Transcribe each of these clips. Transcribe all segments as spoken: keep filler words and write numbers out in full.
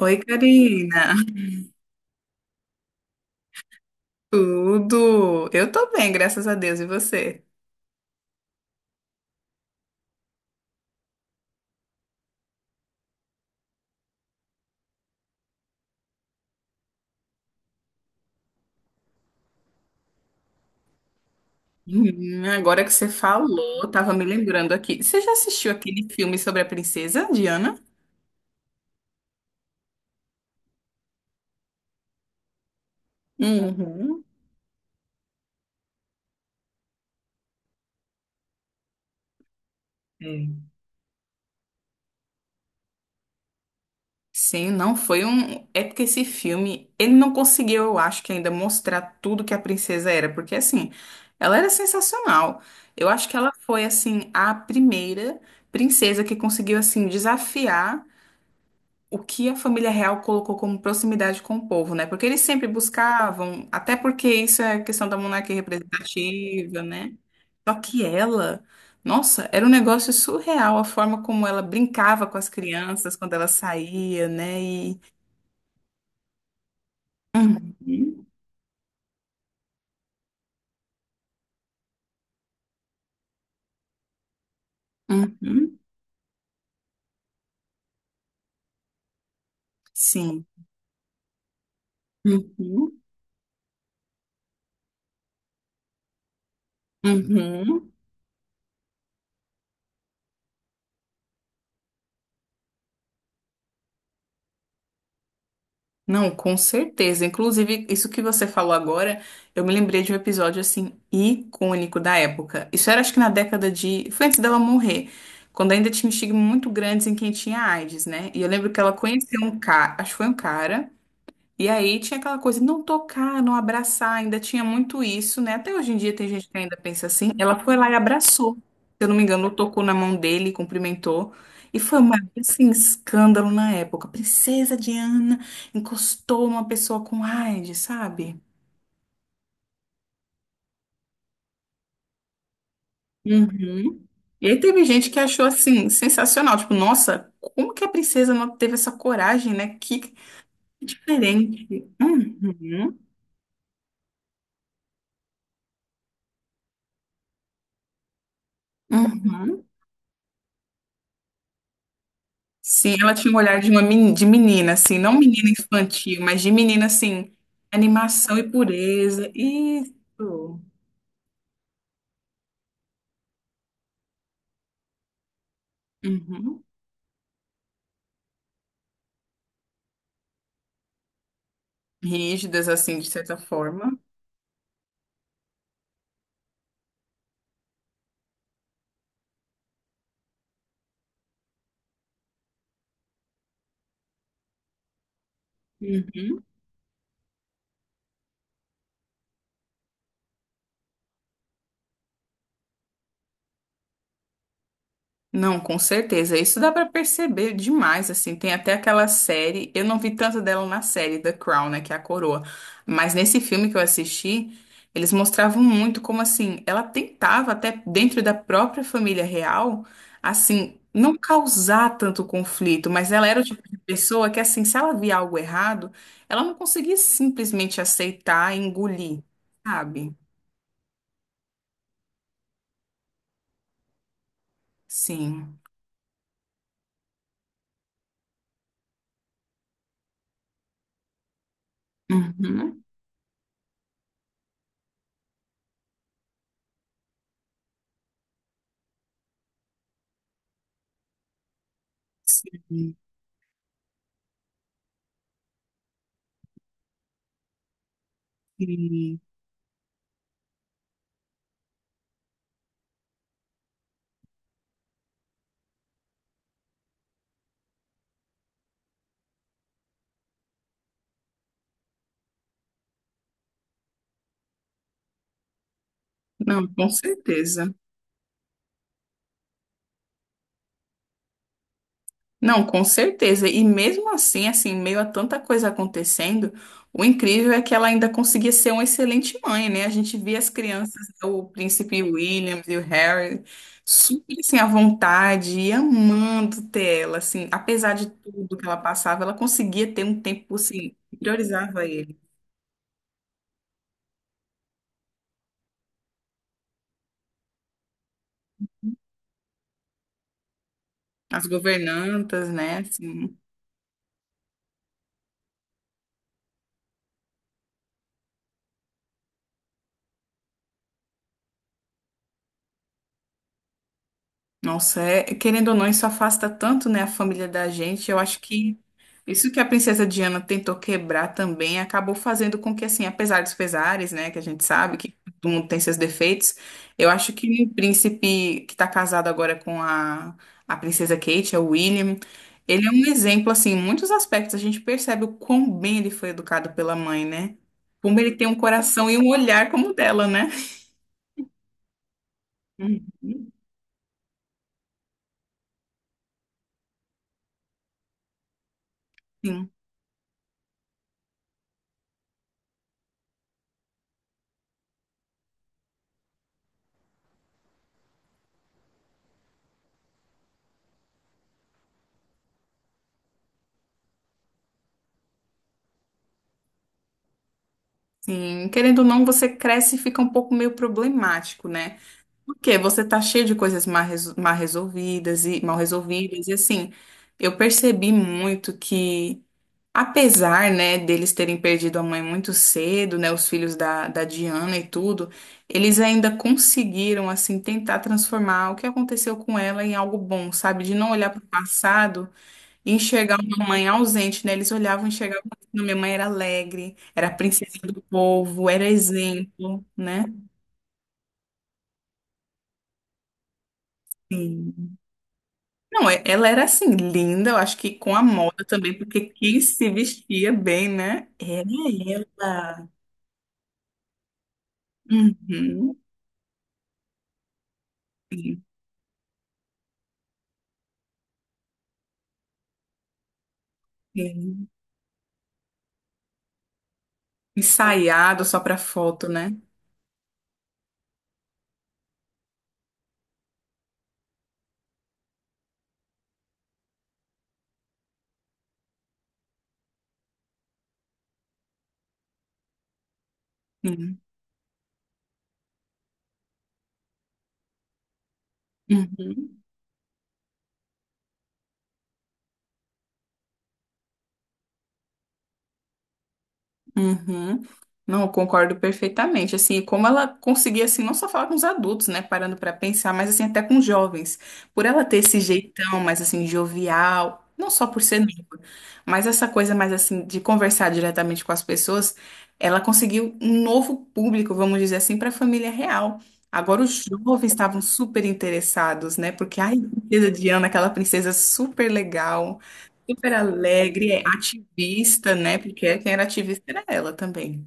Oi, Karina. Tudo? Eu tô bem, graças a Deus. E você? Hum, agora que você falou, eu tava me lembrando aqui. Você já assistiu aquele filme sobre a princesa Diana? Uhum. É. Sim, não foi um. É porque esse filme, ele não conseguiu, eu acho que ainda mostrar tudo que a princesa era, porque assim, ela era sensacional. Eu acho que ela foi assim a primeira princesa que conseguiu assim desafiar o que a família real colocou como proximidade com o povo, né? Porque eles sempre buscavam, até porque isso é questão da monarquia representativa, né? Só que ela, nossa, era um negócio surreal a forma como ela brincava com as crianças quando ela saía, né? E uhum. Uhum. Sim. Uhum. Uhum. Não, com certeza. Inclusive, isso que você falou agora, eu me lembrei de um episódio assim icônico da época. Isso era acho que na década de, foi antes dela morrer, quando ainda tinha um estigma muito grande em quem tinha AIDS, né? E eu lembro que ela conheceu um cara, acho que foi um cara e aí tinha aquela coisa, não tocar, não abraçar, ainda tinha muito isso, né? Até hoje em dia tem gente que ainda pensa assim. Ela foi lá e abraçou, se eu não me engano, tocou na mão dele, cumprimentou. E foi uma, assim, escândalo na época. Princesa Diana encostou uma pessoa com AIDS, sabe? Uhum. E aí teve gente que achou, assim, sensacional. Tipo, nossa, como que a princesa não teve essa coragem, né? Que diferente. Uhum. Uhum. Sim, ela tinha um olhar de uma meni- de menina, assim, não menina infantil, mas de menina, assim, animação e pureza. Isso. Uhum. Rígidas, assim, de certa forma. Uhum. Não, com certeza. Isso dá pra perceber demais, assim. Tem até aquela série, eu não vi tanto dela na série The Crown, né, que é a coroa, mas nesse filme que eu assisti, eles mostravam muito como assim, ela tentava até dentro da própria família real, assim, não causar tanto conflito, mas ela era o tipo de pessoa que assim, se ela via algo errado, ela não conseguia simplesmente aceitar e engolir, sabe? Sim. Uhum. Sim. Sim. Não, com certeza. Não, com certeza. E mesmo assim, assim, meio a tanta coisa acontecendo, o incrível é que ela ainda conseguia ser uma excelente mãe, né? A gente via as crianças, o príncipe William e o Harry, super assim, à vontade e amando ter ela, assim, apesar de tudo que ela passava, ela conseguia ter um tempo, assim, que priorizava ele. As governantas, né? Assim. Nossa, é, querendo ou não, isso afasta tanto, né, a família da gente. Eu acho que isso que a princesa Diana tentou quebrar também acabou fazendo com que, assim, apesar dos pesares, né, que a gente sabe que todo mundo tem seus defeitos, eu acho que o príncipe que está casado agora com a, a princesa Kate, é o William, ele é um exemplo, assim, em muitos aspectos. A gente percebe o quão bem ele foi educado pela mãe, né? Como ele tem um coração e um olhar como o dela, né? Uhum. Sim. Sim, querendo ou não, você cresce e fica um pouco meio problemático, né? Porque você tá cheio de coisas mal reso- mal resolvidas e mal resolvidas. E assim, eu percebi muito que, apesar, né, deles terem perdido a mãe muito cedo, né, os filhos da, da Diana e tudo, eles ainda conseguiram, assim, tentar transformar o que aconteceu com ela em algo bom, sabe? De não olhar para o passado. Enxergar uma mãe ausente, né? Eles olhavam e enxergavam, assim: minha mãe era alegre, era a princesa do povo, era exemplo, né? Sim. Não, é ela era assim, linda, eu acho que com a moda também, porque quem se vestia bem, né? Era ela. Uhum. Sim, sim. Ensaiado só pra foto, né? Sim. Uhum. Uhum. Não, eu concordo perfeitamente. Assim, como ela conseguia, assim, não só falar com os adultos, né, parando pra pensar, mas assim até com os jovens, por ela ter esse jeitão mais assim jovial, não só por ser nova, mas essa coisa mais assim de conversar diretamente com as pessoas, ela conseguiu um novo público, vamos dizer assim, para a família real. Agora os jovens estavam super interessados, né? Porque ai, princesa Diana, aquela princesa super legal. Super alegre, é ativista, né? Porque quem era ativista era ela também.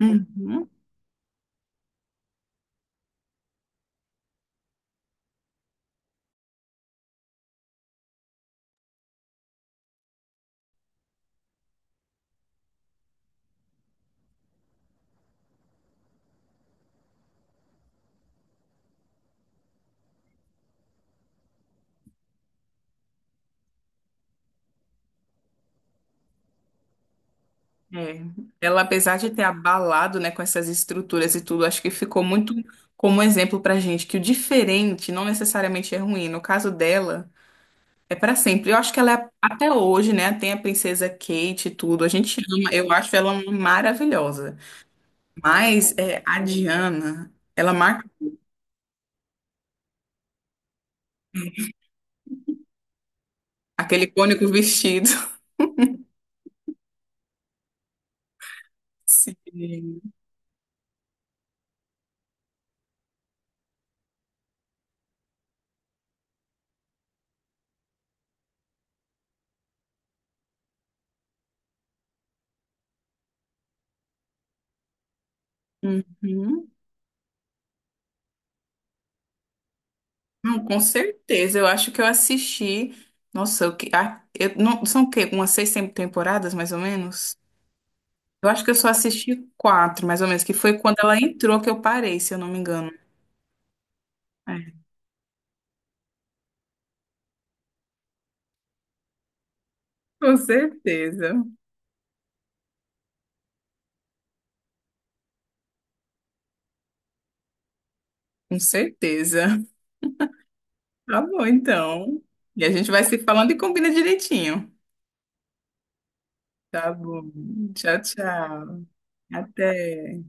Uhum. É. Ela, apesar de ter abalado, né, com essas estruturas e tudo, acho que ficou muito como exemplo pra gente que o diferente não necessariamente é ruim. No caso dela, é pra sempre. Eu acho que ela é, até hoje, né, tem a princesa Kate e tudo. A gente ama, eu acho ela uma maravilhosa. Mas é, a Diana, ela marca aquele icônico vestido. Sim. Uhum. Não, com certeza. Eu acho que eu assisti. Nossa, eu, que- ah, eu, não, são o quê? Umas seis tem- temporadas, mais ou menos? Eu acho que eu só assisti quatro, mais ou menos, que foi quando ela entrou que eu parei, se eu não me engano. É. Com certeza. Com certeza. Tá bom, então. E a gente vai se falando e combina direitinho. Tá bom. Tchau, tchau. Até.